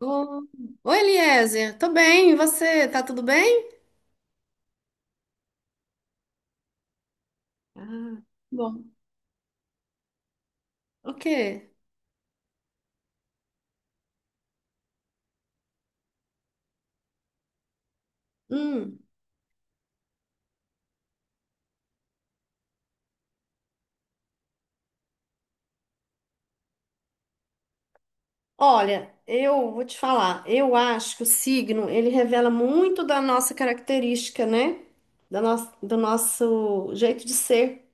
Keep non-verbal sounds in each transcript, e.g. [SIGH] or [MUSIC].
Ô, Oi, Eliezer, tô bem, e você? Tá tudo bem? Ah, bom. O quê? Hum. Olha, eu vou te falar, eu acho que o signo, ele revela muito da nossa característica, né? Do nosso jeito de ser.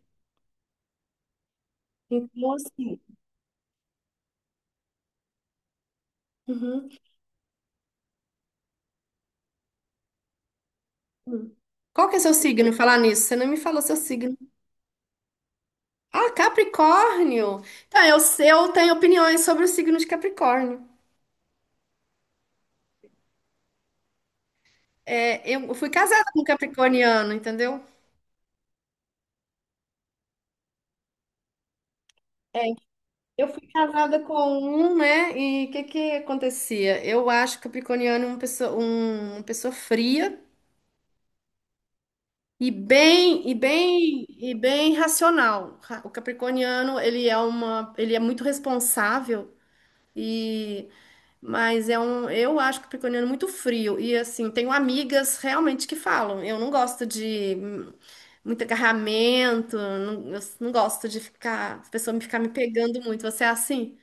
Então, assim. Uhum. Hum. Qual que é seu signo? Falar nisso, você não me falou seu signo. Ah, Capricórnio! Então, eu tenho opiniões sobre o signo de Capricórnio. É, eu fui casada com um capricorniano, entendeu? Eu fui casada com um, né? E o que que acontecia? Eu acho Capricorniano é uma pessoa fria e bem e bem e bem racional. O Capricorniano, ele é muito responsável e mas eu acho o Capricorniano muito frio e assim, tenho amigas realmente que falam, eu não gosto de muito agarramento, não, eu não gosto de ficar, a pessoa me ficar me pegando muito. Você é assim?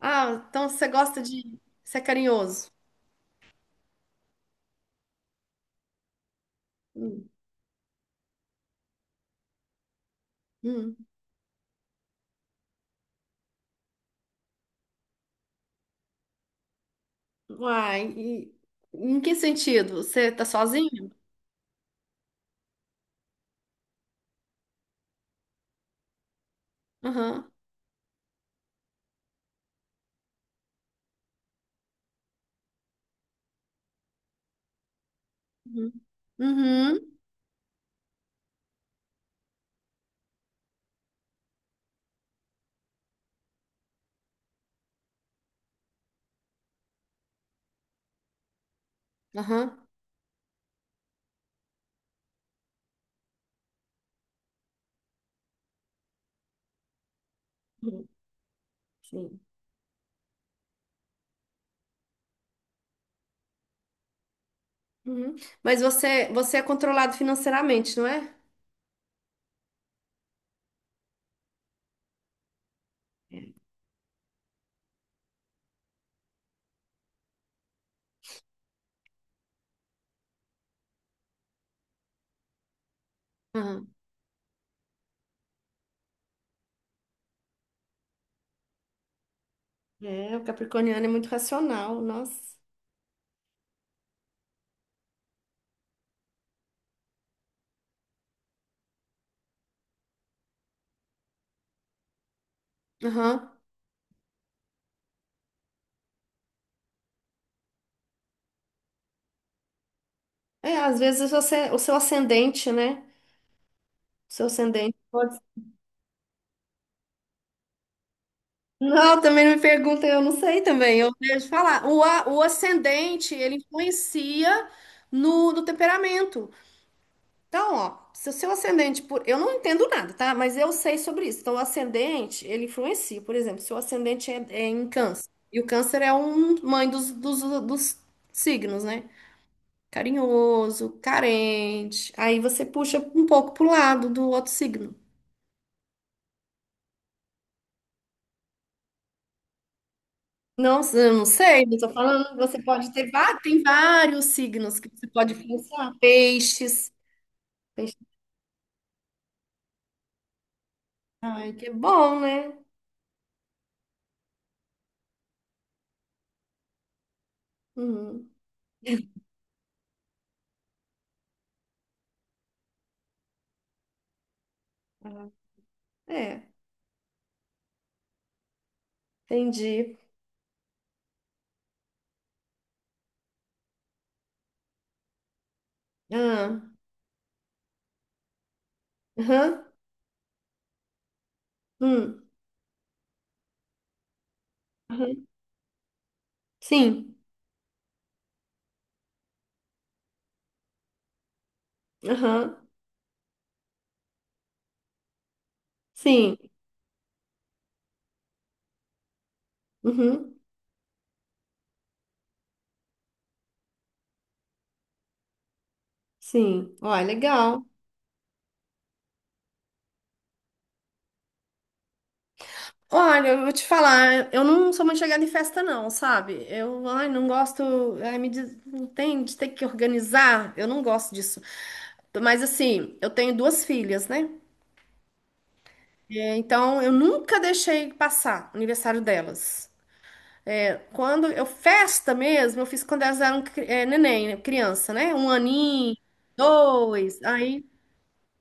Ah, então você gosta de ser carinhoso. Hum, hum. Uai, e em que sentido? Você tá sozinho? Aham. Uhum. Uhum. Aham. Uhum. Sim. Uhum. Mas você é controlado financeiramente, não é? Aham. É, o capricorniano é muito racional, nossa. Aham. É, às vezes o seu ascendente, né? O seu ascendente. Não, também não me perguntem, eu não sei também. Eu vejo falar. O ascendente, ele influencia no temperamento. Então, ó, se o seu ascendente, eu não entendo nada, tá? Mas eu sei sobre isso. Então, o ascendente, ele influencia. Por exemplo, se o ascendente é em Câncer, e o Câncer é um mãe dos signos, né? Carinhoso, carente. Aí você puxa um pouco pro lado do outro signo. Nossa, eu não sei, eu tô falando, você pode ter, tem vários signos que você pode pensar. Peixes. Peixe, ai, que bom, né? Uhum. Ah, é, entendi. Ah. Aham. Hum. Aham. Sim, aham, sim, uhum, sim. Ó, é legal. Olha, eu vou te falar, eu não sou muito chegada em festa, não, sabe? Ai, não gosto, ai, me diz, não tem de ter que organizar, eu não gosto disso. Mas assim, eu tenho duas filhas, né? É, então, eu nunca deixei passar o aniversário delas. Quando eu festa mesmo, eu fiz quando elas eram é, neném, né, criança, né? Um aninho, dois, aí,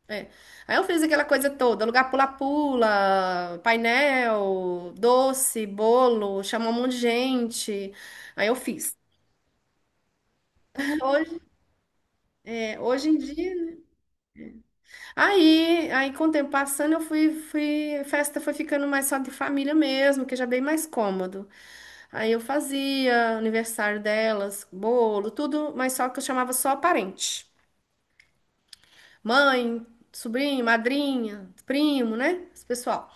é. Aí eu fiz aquela coisa toda, lugar pula-pula, painel, doce, bolo, chamou um monte de gente. Aí eu fiz. Hoje, hoje em dia, né? Aí com o tempo passando, eu fui, festa foi ficando mais só de família mesmo, que já é bem mais cômodo. Aí eu fazia aniversário delas, bolo, tudo, mas só que eu chamava só parente. Mãe, sobrinho, madrinha, primo, né? Esse pessoal.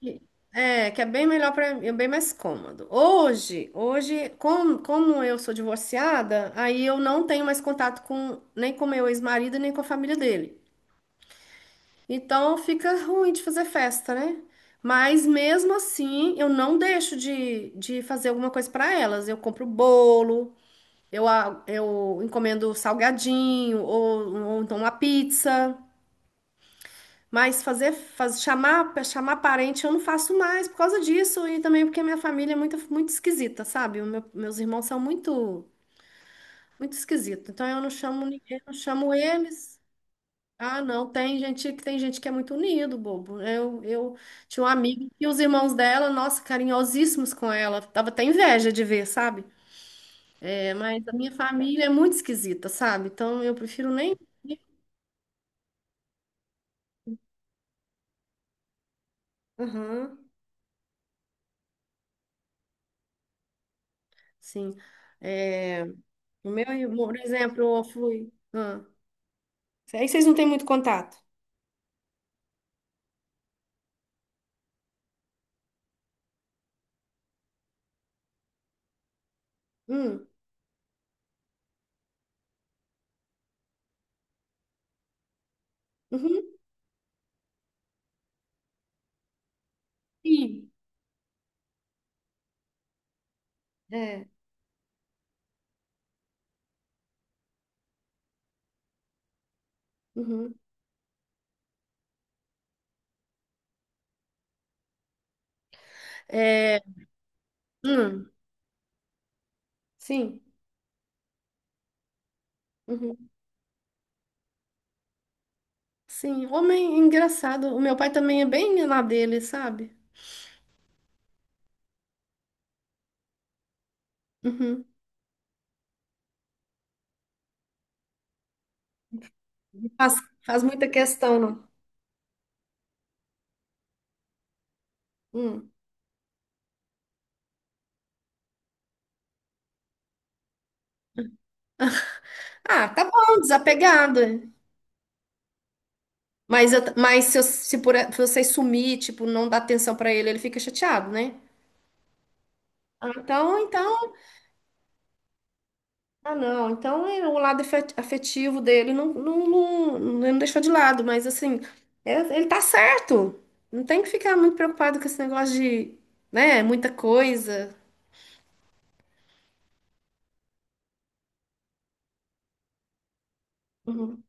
E- É, que é bem melhor para mim, é bem mais cômodo. Hoje, como eu sou divorciada, aí eu não tenho mais contato com nem com meu ex-marido, nem com a família dele. Então fica ruim de fazer festa, né? Mas mesmo assim, eu não deixo de fazer alguma coisa para elas. Eu compro bolo. Eu encomendo salgadinho ou então uma pizza. Mas chamar parente eu não faço mais por causa disso e também porque minha família é muito, muito esquisita, sabe? Meus irmãos são muito, muito esquisitos. Então eu não chamo ninguém, não chamo eles. Ah, não, tem gente que é muito unido, bobo. Eu tinha uma amiga e os irmãos dela, nossa, carinhosíssimos com ela. Tava até inveja de ver, sabe? É, mas a minha família é muito esquisita, sabe? Então eu prefiro nem. Aham, sim. É, o meu irmão, por exemplo, eu fui. Ah. Aí vocês não têm muito contato. Hum, uhum, sim. É, uhum. É, hum, sim. Uhum, sim. Homem engraçado. O meu pai também é bem na dele, sabe? Uhum. Faz, faz muita questão, não. Hum. Ah, tá bom, desapegado. É. Mas, eu- mas se, eu- se por, se você sumir, tipo, não dar atenção pra ele, ele fica chateado, né? Ah, então. Ah, não. Então o lado afetivo dele não, não, não, ele não deixou de lado, mas assim, ele tá certo. Não tem que ficar muito preocupado com esse negócio de, né, muita coisa. Uhum.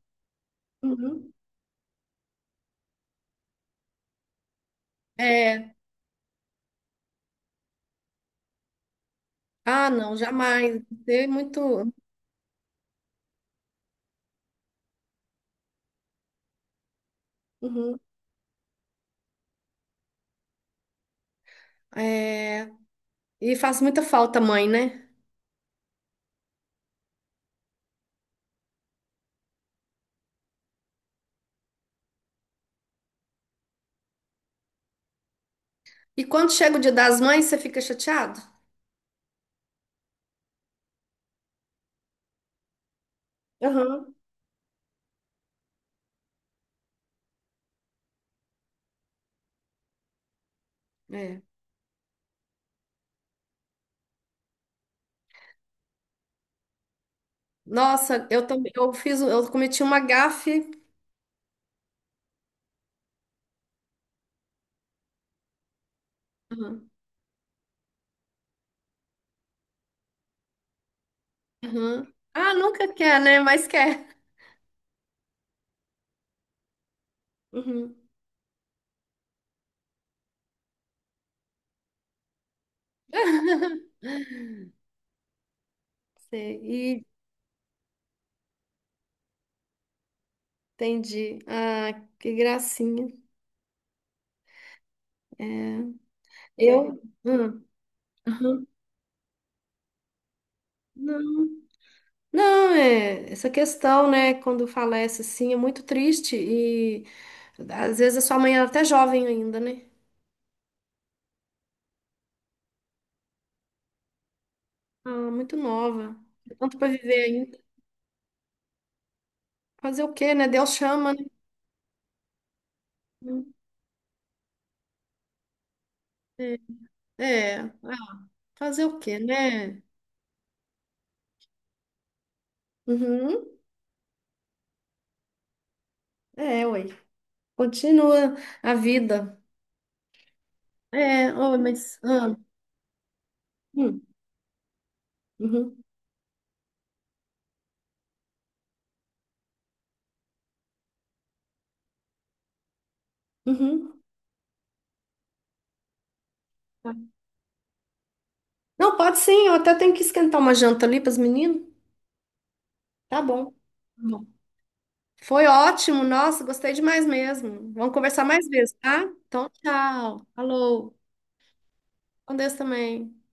Uhum. É. Ah, não, jamais. Você é muito. Uhum. É, e faz muita falta, a mãe, né? E quando chega o Dia das Mães, você fica chateado? Uhum. É. Nossa, eu também, eu cometi uma gafe. Uhum. Uhum. Ah, nunca quer, né? Mas quer. Uhum. [LAUGHS] Sei, e entendi. Ah, que gracinha. É. Eu? Uhum. Não, não, é essa questão, né? Quando falece assim, é muito triste e às vezes a sua mãe era até jovem ainda, né? Ah, muito nova. Tanto para viver ainda. Fazer o quê, né? Deus chama, né? É, é. Ah, fazer o quê, né? Uhum. É, oi. Continua a vida. É, oi, mas. Ah, hum. Uhum, uhum. Tá. Não, pode sim, eu até tenho que esquentar uma janta ali para os meninos. Tá bom. Tá. Bom, foi ótimo, nossa, gostei demais mesmo. Vamos conversar mais vezes, tá? Então, tchau. Alô, com Deus também.